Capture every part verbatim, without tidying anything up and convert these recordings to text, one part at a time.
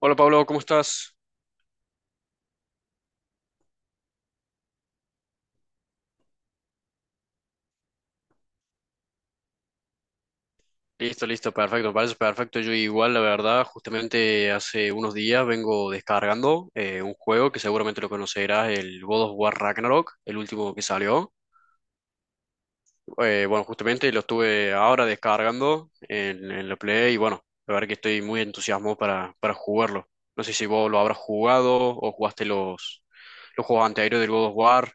Hola Pablo, ¿cómo estás? Listo, listo, perfecto, me parece perfecto. Yo igual, la verdad, justamente hace unos días vengo descargando eh, un juego que seguramente lo conocerás, el God of War Ragnarok, el último que salió. Eh, bueno, Justamente lo estuve ahora descargando en, en la Play y bueno, la verdad que estoy muy entusiasmado para, para jugarlo. No sé si vos lo habrás jugado o jugaste los, los juegos anteriores del God of War.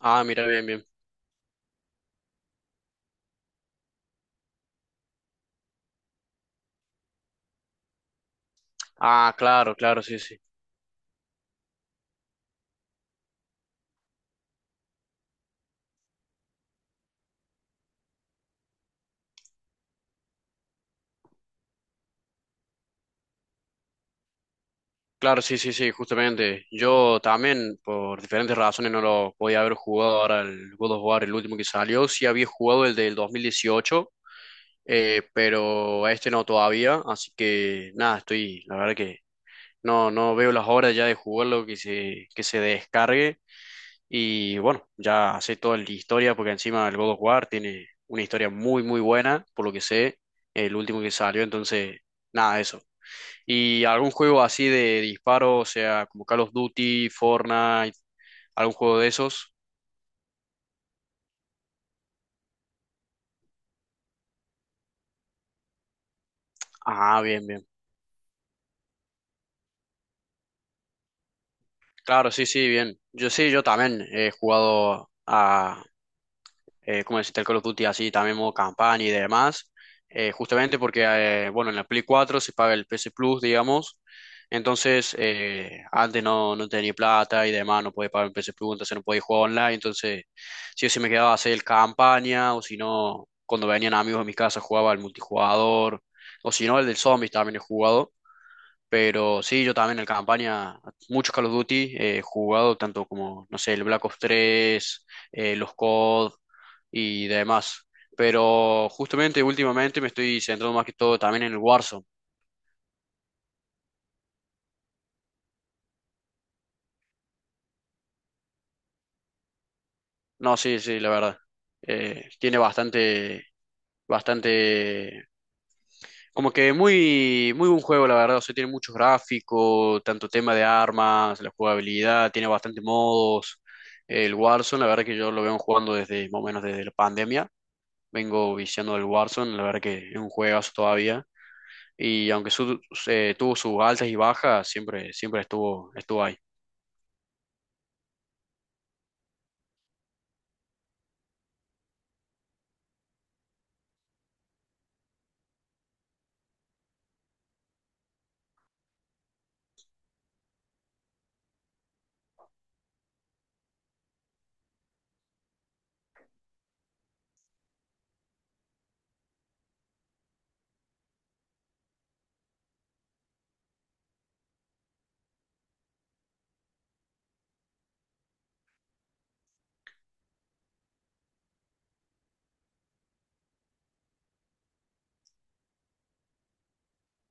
Ah, mira, bien, bien. Ah, claro, claro, sí, sí. Claro, sí, sí, sí, justamente. Yo también, por diferentes razones, no lo podía haber jugado ahora el God of War, el último que salió. Sí había jugado el del dos mil dieciocho, eh, pero a este no todavía. Así que nada, estoy, la verdad que no, no veo las horas ya de jugarlo que se, que se descargue. Y bueno, ya sé toda la historia, porque encima el God of War tiene una historia muy, muy buena, por lo que sé, el último que salió. Entonces, nada, eso. ¿Y algún juego así de disparo, o sea, como Call of Duty, Fortnite, algún juego de esos? Ah, bien, bien. Claro, sí, sí, bien. Yo sí, yo también he jugado a, eh, como decirte, el Call of Duty así, también modo campaña y demás, eh, justamente porque, eh, bueno, en la Play cuatro se paga el P S Plus, digamos, entonces eh, antes no, no tenía plata y demás, no podía pagar el P S Plus, entonces no podía jugar online, entonces sí o sí me quedaba a hacer el campaña, o si no, cuando venían amigos a mi casa jugaba el multijugador, o si no, el del Zombies también he jugado, pero sí, yo también en campaña, muchos Call of Duty eh, he jugado, tanto como, no sé, el Black Ops tres eh, los C O D y demás. Pero justamente últimamente me estoy centrando más que todo también en el Warzone. No, sí, sí, la verdad. Eh, tiene bastante, bastante, como que muy, muy buen juego, la verdad. O sea, tiene muchos gráficos, tanto tema de armas, la jugabilidad, tiene bastante modos. El Warzone, la verdad que yo lo vengo jugando desde, más o menos desde la pandemia. Vengo viciando del Warzone, la verdad que es un juegazo todavía. Y aunque su- eh, Tuvo sus altas y bajas, siempre, siempre estuvo, estuvo ahí.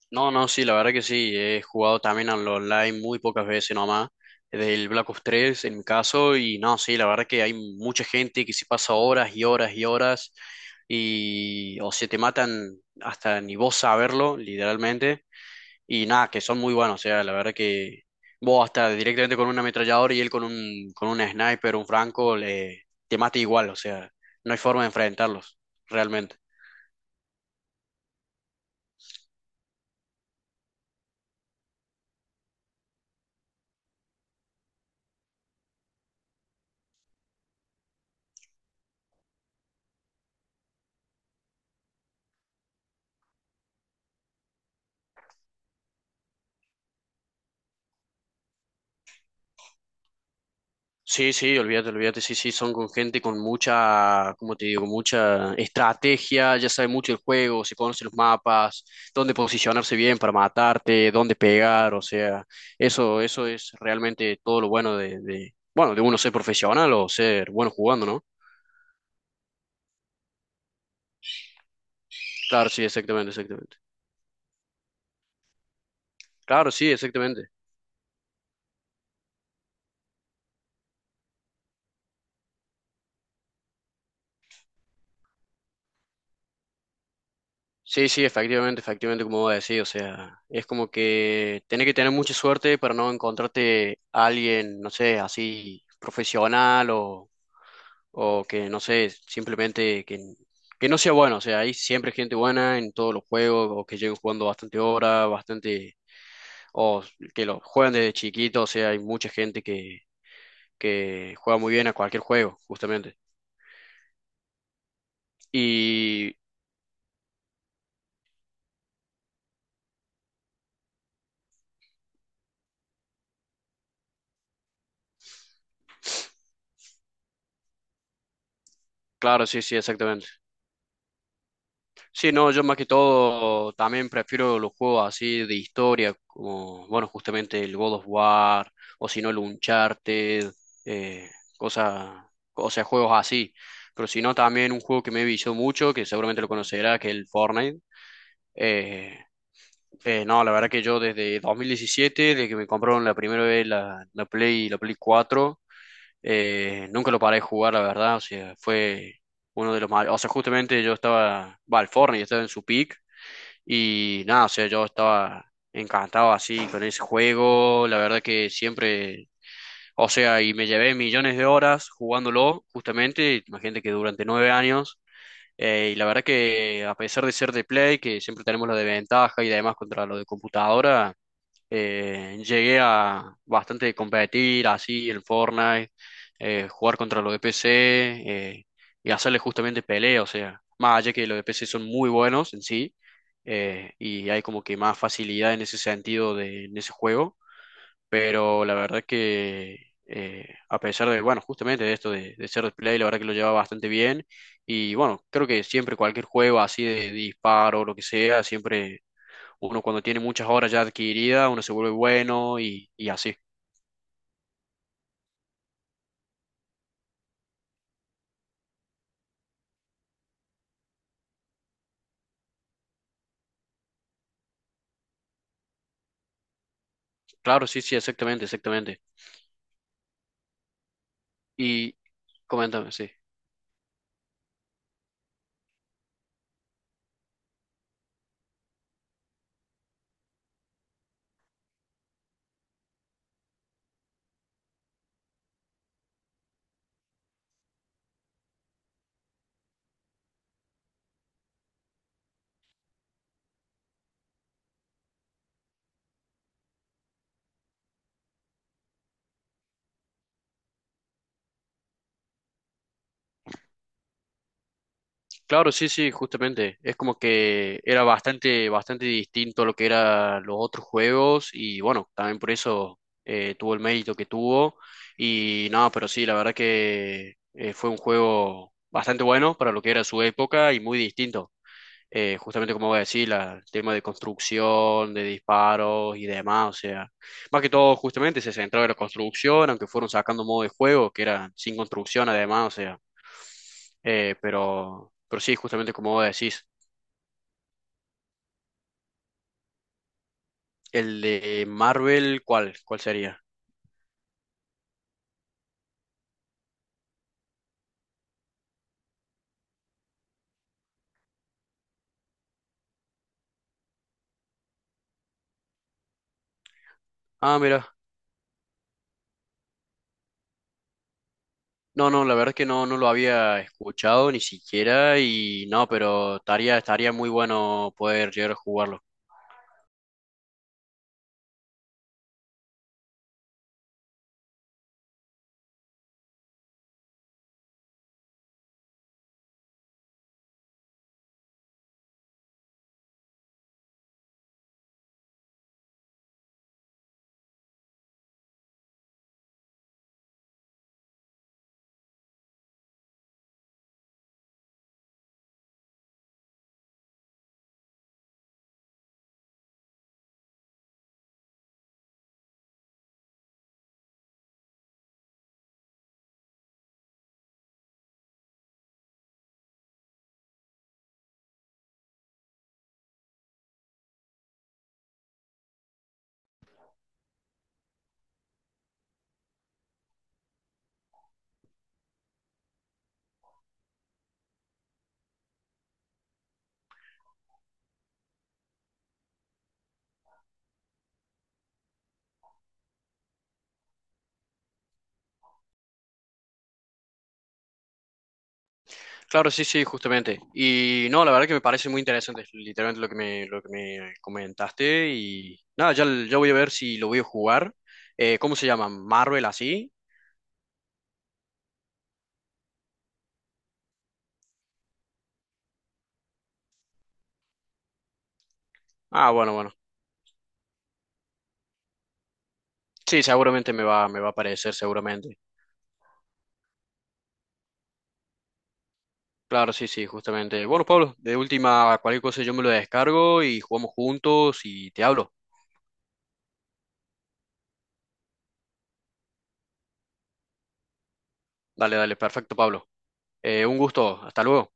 No, no, sí, la verdad que sí. He jugado también al online muy pocas veces nomás. Del Black Ops tres en mi caso. Y no, sí, la verdad que hay mucha gente que se pasa horas y horas y horas. Y o se te matan hasta ni vos saberlo, literalmente. Y nada, que son muy buenos, o sea, la verdad que vos hasta directamente con un ametrallador y él con un, con un sniper, un franco, le, te mata igual, o sea, no hay forma de enfrentarlos, realmente. Sí, sí, olvídate, olvídate, sí, sí, son con gente con mucha, como te digo, mucha estrategia, ya sabe mucho el juego, se conoce los mapas, dónde posicionarse bien para matarte, dónde pegar, o sea, eso, eso es realmente todo lo bueno de, de, bueno, de uno ser profesional o ser bueno jugando, ¿no? Claro, sí, exactamente, exactamente. Claro, sí, exactamente. Sí, sí, efectivamente, efectivamente, como voy a decir, o sea, es como que tenés que tener mucha suerte para no encontrarte a alguien, no sé, así profesional o, o que, no sé, simplemente que, que no sea bueno, o sea, hay siempre gente buena en todos los juegos o que lleguen jugando bastante horas, bastante, o que lo juegan desde chiquito, o sea, hay mucha gente que, que juega muy bien a cualquier juego, justamente. Y claro, sí, sí, exactamente. Sí, no, yo más que todo también prefiero los juegos así de historia, como, bueno, justamente el God of War, o si no el Uncharted, eh, cosa- o sea, juegos así. Pero si no, también un juego que me vició mucho, que seguramente lo conocerá, que es el Fortnite. Eh, eh, no, la verdad que yo desde dos mil diecisiete, desde que me compraron la primera vez la, la Play, la Play cuatro, eh, nunca lo paré de jugar, la verdad. O sea, fue uno de los mayores. O sea, justamente yo estaba, va, al Fortnite, estaba en su peak y nada, o sea, yo estaba encantado así con ese juego, la verdad que siempre, o sea, y me llevé millones de horas jugándolo, justamente, imagínate que durante nueve años, eh, y la verdad que a pesar de ser de Play, que siempre tenemos la desventaja y además contra lo de computadora, eh, llegué a bastante competir así en Fortnite, eh, jugar contra los de P C eh, y hacerle justamente pelea, o sea, más allá que los de P C son muy buenos en sí, eh, y hay como que más facilidad en ese sentido de, en ese juego, pero la verdad que eh, a pesar de, bueno, justamente de esto de, de ser de play, la verdad que lo lleva bastante bien y bueno, creo que siempre cualquier juego así de, de disparo o lo que sea, siempre uno cuando tiene muchas horas ya adquiridas, uno se vuelve bueno y, y así. Claro, sí, sí, exactamente, exactamente. Y coméntame, sí. Claro, sí, sí, justamente. Es como que era bastante, bastante distinto a lo que eran los otros juegos y bueno, también por eso eh, tuvo el mérito que tuvo. Y no, pero sí, la verdad que eh, fue un juego bastante bueno para lo que era su época y muy distinto. Eh, justamente como voy a decir, la- el tema de construcción, de disparos y demás, o sea, más que todo justamente se centraba en la construcción, aunque fueron sacando modo de juego que era sin construcción además, o sea, eh, pero, pero sí, justamente como vos decís, el de Marvel, ¿cuál, cuál sería? Ah, mira, no, no, la verdad es que no, no lo había escuchado ni siquiera y no, pero estaría, estaría muy bueno poder llegar a jugarlo. Claro, sí, sí, justamente. Y no, la verdad que me parece muy interesante, literalmente lo que me, lo que me comentaste. Y nada, ya, ya voy a ver si lo voy a jugar. Eh, ¿cómo se llama? ¿Marvel así? Ah, bueno, bueno. Sí, seguramente me va, me va a aparecer, seguramente. Claro, sí, sí, justamente. Bueno, Pablo, de última, cualquier cosa yo me lo descargo y jugamos juntos y te hablo. Dale, dale, perfecto, Pablo. Eh, un gusto, hasta luego.